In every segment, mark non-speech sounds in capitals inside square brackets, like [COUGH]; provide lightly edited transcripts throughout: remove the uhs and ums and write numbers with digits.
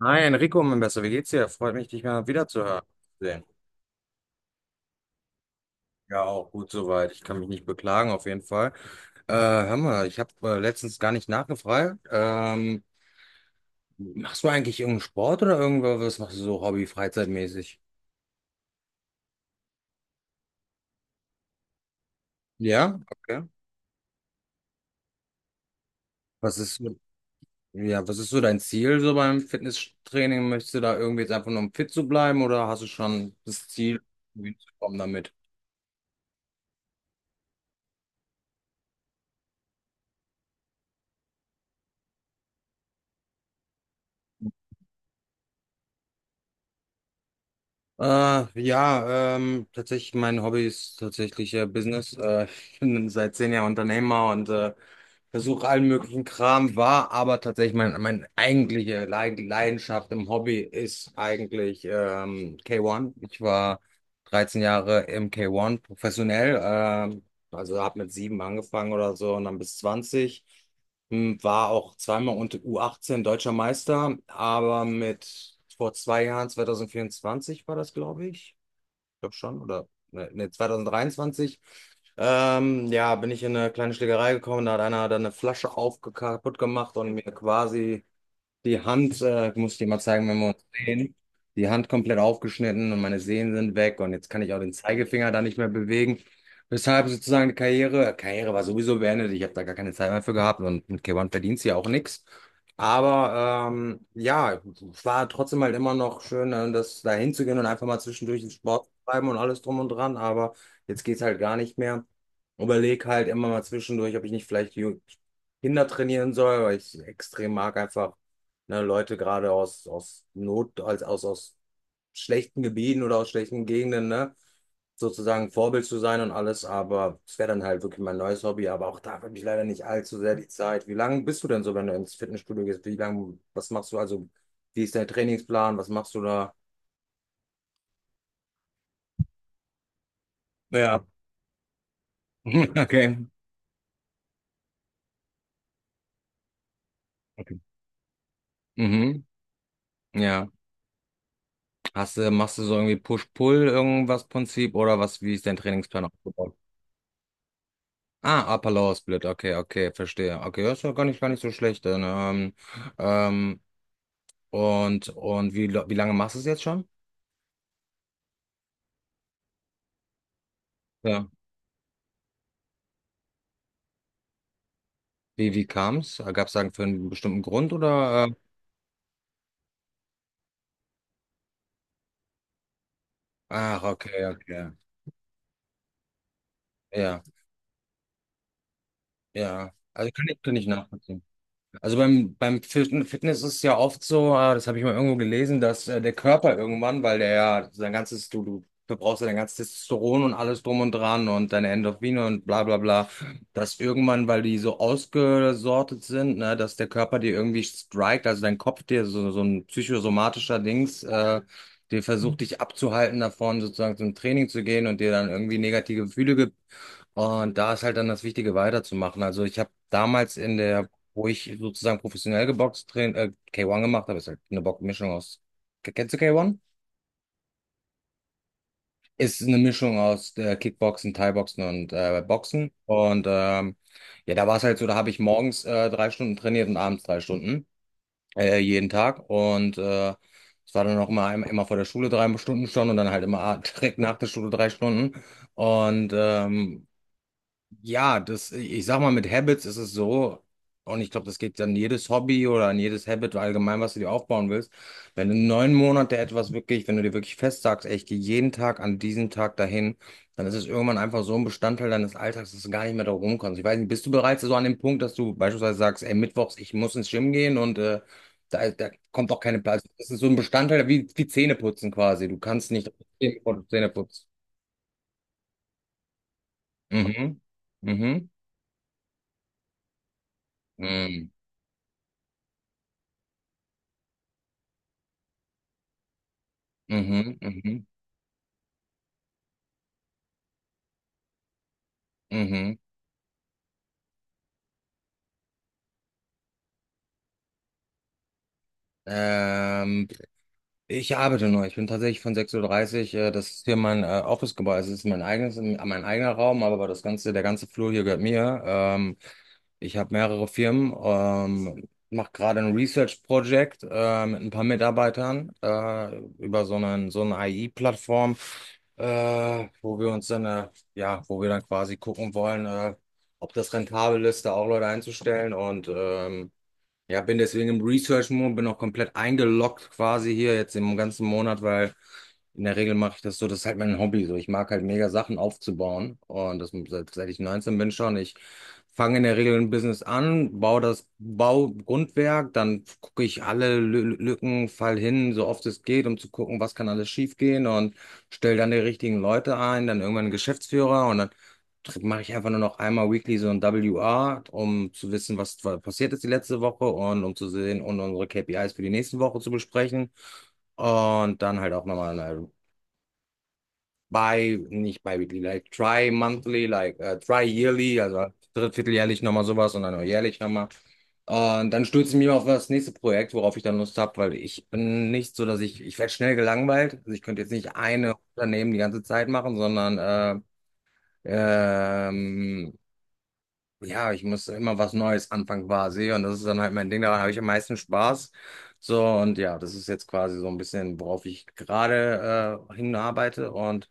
Hi Enrico, mein Bester, wie geht's dir? Freut mich, dich mal wieder zu hören. Sehen. Ja, auch gut soweit. Ich kann mich nicht beklagen, auf jeden Fall. Hör mal, ich habe letztens gar nicht nachgefragt. Machst du eigentlich irgendeinen Sport oder irgendwas? Was machst du so hobby-freizeitmäßig? Ja, okay. Was ist, ja, was ist so dein Ziel so beim Fitnesstraining? Möchtest du da irgendwie jetzt einfach nur um fit zu bleiben oder hast du schon das Ziel, irgendwie zu kommen damit? Ja, tatsächlich mein Hobby ist tatsächlich Business. [LAUGHS] Ich bin seit zehn Jahren Unternehmer und versuche allen möglichen Kram, war aber tatsächlich meine eigentliche Leidenschaft im Hobby ist eigentlich K1. Ich war 13 Jahre im K1 professionell, also habe mit sieben angefangen oder so und dann bis 20. War auch zweimal unter U18 deutscher Meister, aber mit vor zwei Jahren, 2024 war das, glaube ich glaube schon, oder ne, ne, 2023. Ja, bin ich in eine kleine Schlägerei gekommen, da hat einer dann eine Flasche kaputt gemacht und mir quasi die Hand, muss ich dir mal zeigen, wenn wir uns sehen. Die Hand komplett aufgeschnitten, und meine Sehnen sind weg und jetzt kann ich auch den Zeigefinger da nicht mehr bewegen. Weshalb sozusagen Karriere war sowieso beendet. Ich habe da gar keine Zeit mehr für gehabt, und mit K1 verdienst du ja auch nichts. Aber ja, es war trotzdem halt immer noch schön, das da hinzugehen und einfach mal zwischendurch den Sport zu treiben und alles drum und dran. Aber jetzt geht's halt gar nicht mehr. Überleg halt immer mal zwischendurch, ob ich nicht vielleicht Kinder trainieren soll, weil ich extrem mag einfach ne, Leute gerade aus Not, aus schlechten Gebieten oder aus schlechten Gegenden, ne, sozusagen Vorbild zu sein und alles, aber es wäre dann halt wirklich mein neues Hobby, aber auch da habe ich leider nicht allzu sehr die Zeit. Wie lange bist du denn so, wenn du ins Fitnessstudio gehst? Wie lange, was machst du? Also, wie ist dein Trainingsplan? Was machst du da? Ja. [LAUGHS] Okay. Okay. Mhm. Ja. Hast du, machst du so irgendwie Push-Pull irgendwas Prinzip oder was, wie ist dein Trainingsplan aufgebaut? Ah, Upper Lower Split, okay, okay, verstehe. Okay, das ist ja gar nicht so schlecht. Dann, ähm, und wie, wie lange machst du es jetzt schon? Ja. Wie kam es? Gab es sagen für einen bestimmten Grund oder? Ach, okay, okay. Ja, ja. Also kann ich nachvollziehen. Also beim Fitness ist es ja oft so, das habe ich mal irgendwo gelesen, dass der Körper irgendwann, weil der ja sein ganzes, du verbrauchst ja dein ganzes Testosteron und alles drum und dran und deine Endorphine und bla bla bla, dass irgendwann, weil die so ausgesortet sind, ne, dass der Körper dir irgendwie strikt, also dein Kopf dir so ein psychosomatischer Dings, der versucht dich abzuhalten davon, sozusagen zum Training zu gehen und dir dann irgendwie negative Gefühle, und da ist halt dann das Wichtige weiterzumachen. Also ich habe damals in der, wo ich sozusagen professionell geboxt, K1 gemacht habe, ist halt eine Mischung aus, kennst du K1? Ist eine Mischung aus Kickboxen, Thai-Boxen und Boxen. Und ja, da war es halt so, da habe ich morgens drei Stunden trainiert und abends drei Stunden, jeden Tag. Und es war dann auch immer vor der Schule drei Stunden schon und dann halt immer [LAUGHS] direkt nach der Schule drei Stunden. Und ja, das, ich sag mal, mit Habits ist es so, und ich glaube, das geht an jedes Hobby oder an jedes Habit allgemein, was du dir aufbauen willst. Wenn du neun Monate wenn du dir wirklich fest sagst, ey, ich gehe jeden Tag an diesen Tag dahin, dann ist es irgendwann einfach so ein Bestandteil deines Alltags, dass du gar nicht mehr darum kommst. Ich weiß nicht, bist du bereits so an dem Punkt, dass du beispielsweise sagst, ey, mittwochs, ich muss ins Gym gehen und da kommt auch keine Platz. Das ist so ein Bestandteil wie Zähneputzen quasi. Du kannst nicht aufstehen, bevor du Zähne putzt. Mhm. Mhm. Mhm. Mhm, mhm. Ähm, Ich arbeite nur. Ich bin tatsächlich von sechs Uhr dreißig. Das ist hier mein Office-Gebäude. Es ist mein eigenes, mein eigener Raum, aber der ganze Flur hier gehört mir. Ich habe mehrere Firmen, mache gerade ein Research-Projekt mit ein paar Mitarbeitern über so eine AI-Plattform, wo wir uns dann, ja, wo wir dann quasi gucken wollen, ob das rentabel ist, da auch Leute einzustellen, und ja, bin deswegen im Research-Mode, bin auch komplett eingeloggt quasi hier jetzt im ganzen Monat, weil in der Regel mache ich das so, das ist halt mein Hobby so. Ich mag halt mega Sachen aufzubauen, und das seit ich 19 bin schon. Ich fange in der Regel ein Business an, baue das Baugrundwerk, dann gucke ich alle Lü Lücken, fall hin, so oft es geht, um zu gucken, was kann alles schief gehen, und stelle dann die richtigen Leute ein, dann irgendwann einen Geschäftsführer, und dann mache ich einfach nur noch einmal weekly so ein WR, um zu wissen, was passiert ist die letzte Woche, und um zu sehen und unsere KPIs für die nächste Woche zu besprechen. Und dann halt auch nochmal eine nicht bi-weekly, like tri-monthly, like tri-yearly, also drittvierteljährlich nochmal sowas und dann auch jährlich nochmal. Und dann stürze ich mich auf das nächste Projekt, worauf ich dann Lust habe, weil ich bin nicht so, ich werde schnell gelangweilt. Also ich könnte jetzt nicht eine Unternehmen die ganze Zeit machen, sondern ähm, ja, ich muss immer was Neues anfangen quasi, und das ist dann halt mein Ding, daran habe ich am meisten Spaß. So, und ja, das ist jetzt quasi so ein bisschen, worauf ich gerade hinarbeite, und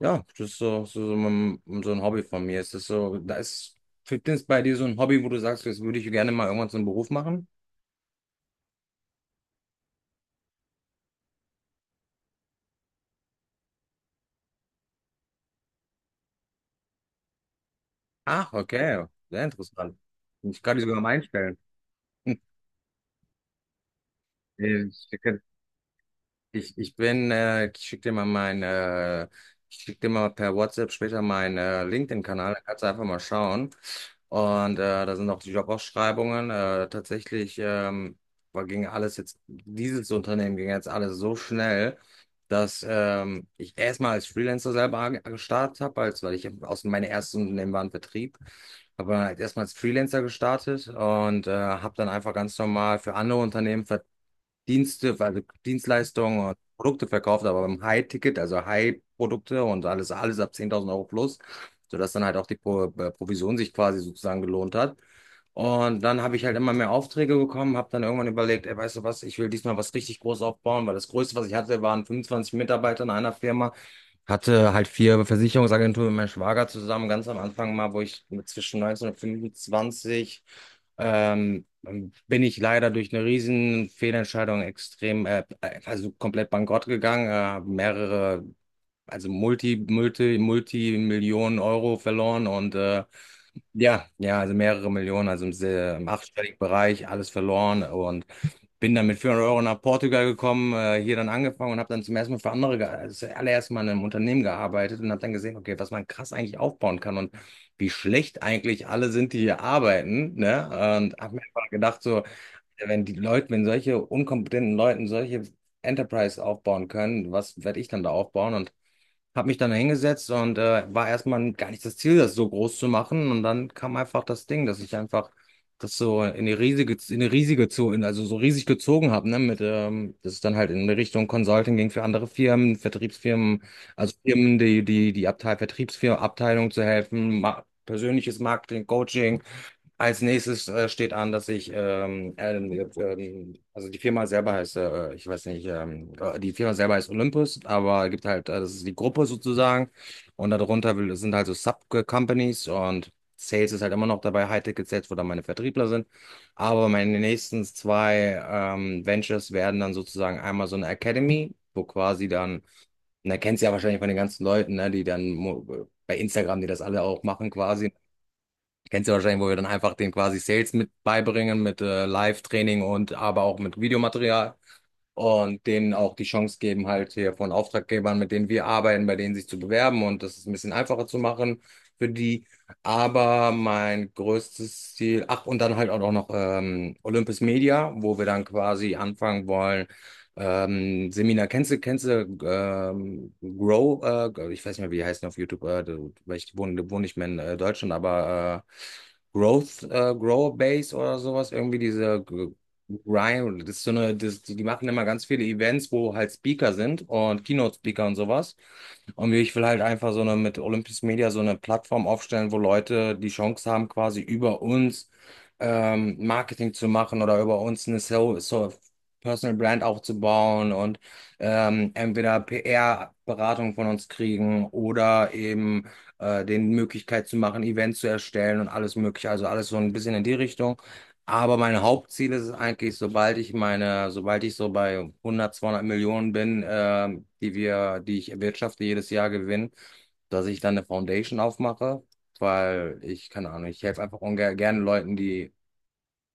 ja, das ist so ein Hobby von mir. Ist das so, da ist Fitness bei dir so ein Hobby, wo du sagst, das würde ich gerne mal irgendwann zum Beruf machen? Ach, okay, sehr interessant. Ich kann dich sogar mal einstellen. [LAUGHS] Ich ich bin, ich schicke dir mal per WhatsApp später meinen LinkedIn-Kanal, da kannst du einfach mal schauen. Und da sind auch die Jobausschreibungen. Tatsächlich ging alles jetzt, dieses Unternehmen ging jetzt alles so schnell, dass ich erstmal als Freelancer selber gestartet habe, als weil ich aus meinem ersten Unternehmen war ein Vertrieb. Habe halt erstmal als Freelancer gestartet und habe dann einfach ganz normal für andere Unternehmen Dienste, also Dienstleistungen und Produkte verkauft, aber beim High-Ticket, also High-Produkte und alles ab 10.000 € plus, sodass dann halt auch die Provision sich quasi sozusagen gelohnt hat. Und dann habe ich halt immer mehr Aufträge bekommen, habe dann irgendwann überlegt, ey, weißt du was, ich will diesmal was richtig groß aufbauen, weil das Größte, was ich hatte, waren 25 Mitarbeiter in einer Firma. Hatte halt vier Versicherungsagenturen mit meinem Schwager zusammen, ganz am Anfang mal, wo ich mit zwischen 19 und 25 ähm, bin ich leider durch eine riesen Fehlentscheidung extrem, also komplett bankrott gegangen, äh, mehrere, also Multi-Millionen Euro verloren und ja, ja, also mehrere Millionen, also im achtstelligen Bereich, alles verloren, und bin dann mit 400 € nach Portugal gekommen, hier dann angefangen und habe dann zum ersten Mal für andere, also das allererste Mal in einem Unternehmen gearbeitet und habe dann gesehen, okay, was man krass eigentlich aufbauen kann, und wie schlecht eigentlich alle sind, die hier arbeiten, ne? Und habe mir einfach gedacht, so, ja, wenn die Leute, wenn solche unkompetenten Leuten solche Enterprise aufbauen können, was werde ich dann da aufbauen? Und hab mich dann hingesetzt und war erstmal gar nicht das Ziel, das so groß zu machen. Und dann kam einfach das Ding, dass ich einfach das so in die riesige, also so riesig gezogen habe, ne, dass es dann halt in Richtung Consulting ging für andere Firmen, Vertriebsfirmen, also Firmen, die Abteil, Vertriebsfirmen, Abteilung zu helfen, ma persönliches Marketing, Coaching, als nächstes steht an, dass ich, also die Firma selber heißt, ich weiß nicht, die Firma selber heißt Olympus, aber gibt halt, das ist die Gruppe sozusagen und darunter will, sind halt so Sub-Companies, und Sales ist halt immer noch dabei, High-Ticket Sales, wo dann meine Vertriebler sind, aber meine nächsten zwei Ventures werden dann sozusagen einmal so eine Academy, wo quasi dann, und da kennst du ja wahrscheinlich von den ganzen Leuten, ne, die dann mo- bei Instagram, die das alle auch machen quasi, kennst du ja wahrscheinlich, wo wir dann einfach den quasi Sales mit beibringen, mit Live-Training und aber auch mit Videomaterial und denen auch die Chance geben, halt hier von Auftraggebern, mit denen wir arbeiten, bei denen sich zu bewerben, und das ist ein bisschen einfacher zu machen für die. Aber mein größtes Ziel, ach, und dann halt auch noch Olympus Media, wo wir dann quasi anfangen wollen. Seminar, kennst du Grow, ich weiß nicht mehr, wie die heißen auf YouTube, weil wohne nicht mehr in Deutschland, aber Growth, Grow Base oder sowas, irgendwie diese Ryan, das ist so eine, das, die machen immer ganz viele Events, wo halt Speaker sind und Keynote-Speaker und sowas. Und ich will halt einfach so eine, mit Olympus Media so eine Plattform aufstellen, wo Leute die Chance haben, quasi über uns Marketing zu machen oder über uns eine so, so Personal Brand aufzubauen und entweder PR-Beratung von uns kriegen oder eben den Möglichkeit zu machen, Events zu erstellen und alles Mögliche. Also alles so ein bisschen in die Richtung. Aber mein Hauptziel ist es eigentlich, sobald ich so bei 100, 200 Millionen bin, die wir, die ich erwirtschafte jedes Jahr gewinne, dass ich dann eine Foundation aufmache, weil ich, keine Ahnung, ich helfe einfach ungern, gerne Leuten die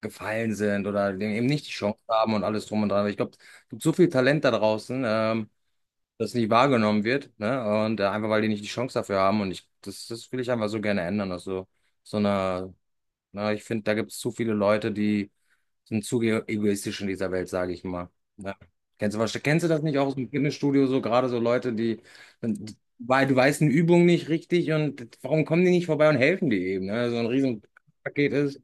gefallen sind oder denen eben nicht die Chance haben und alles drum und dran. Ich glaube, es gibt so viel Talent da draußen, das nicht wahrgenommen wird, ne? Und einfach, weil die nicht die Chance dafür haben, und das will ich einfach so gerne ändern, dass so, so eine. Ne? Ich finde, da gibt es zu viele Leute, die sind zu ge- egoistisch in dieser Welt, sage ich mal. Ne? Kennst du, kennst du das nicht auch aus dem Fitnessstudio, so gerade so Leute, die, weil du weißt eine Übung nicht richtig, und warum kommen die nicht vorbei und helfen dir eben, ne? So ein riesen Paket ist.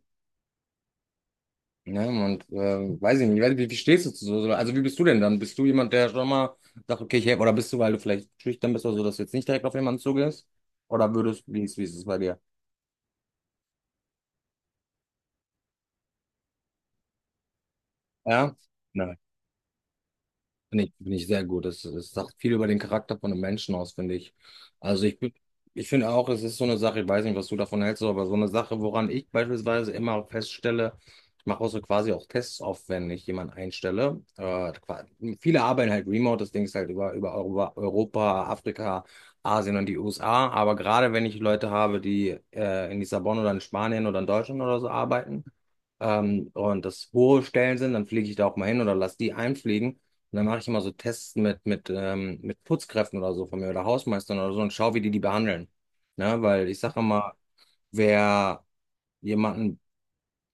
Ne? Und weiß ich nicht, ich weiß nicht, wie stehst du zu so? Also wie bist du denn dann? Bist du jemand, der schon mal sagt, okay, ich helfe, oder bist du, weil du vielleicht schüchtern bist oder so, dass du jetzt nicht direkt auf jemanden zugehst? Oder würdest, wie ist es bei dir? Ja? Finde ich sehr gut. Das, das sagt viel über den Charakter von einem Menschen aus, finde ich. Also ich finde auch, es ist so eine Sache, ich weiß nicht, was du davon hältst, aber so eine Sache, woran ich beispielsweise immer feststelle, ich mache auch so quasi auch Tests auf, wenn ich jemanden einstelle. Qua- viele arbeiten halt remote, das Ding ist halt über, Europa, Afrika, Asien und die USA. Aber gerade wenn ich Leute habe, die in Lissabon oder in Spanien oder in Deutschland oder so arbeiten, und das hohe Stellen sind, dann fliege ich da auch mal hin oder lass die einfliegen. Und dann mache ich immer so Tests mit Putzkräften oder so von mir oder Hausmeistern oder so und schaue, wie die die behandeln. Ne? Weil ich sage immer, wer jemanden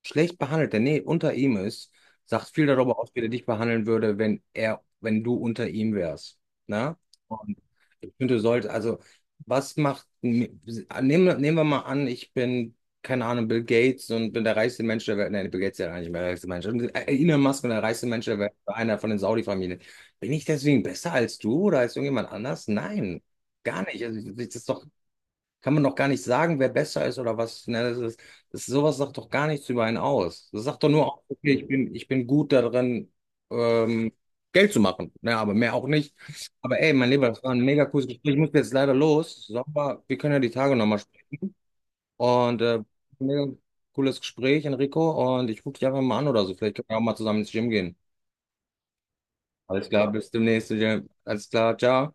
schlecht behandelt, der nee, unter ihm ist, sagt viel darüber aus, wie er dich behandeln würde, wenn er, wenn du unter ihm wärst. Na? Und ich finde, du solltest, also, was macht, nehmen, nehmen wir mal an, ich bin, keine Ahnung, Bill Gates und bin der reichste Mensch der Welt. Nein, Bill Gates ist ja gar nicht mehr der reichste Mensch. Und, Elon Musk und der reichste Mensch der Welt, einer von den Saudi-Familien. Bin ich deswegen besser als du oder als irgendjemand anders? Nein, gar nicht. Also, das ist doch, kann man noch gar nicht sagen, wer besser ist oder was. Ne? Das ist, das, sowas sagt doch gar nichts über einen aus. Das sagt doch nur aus, okay, ich bin gut darin, ähm, Geld zu machen. Ne? Aber mehr auch nicht. Aber ey, mein Lieber, das war ein mega cooles Gespräch. Ich muss jetzt leider los. So, aber wir können ja die Tage nochmal sprechen. Und mega cooles Gespräch, Enrico. Und ich gucke dich einfach mal an oder so. Vielleicht können wir auch mal zusammen ins Gym gehen. Alles klar, bis demnächst. Jim. Alles klar, ciao.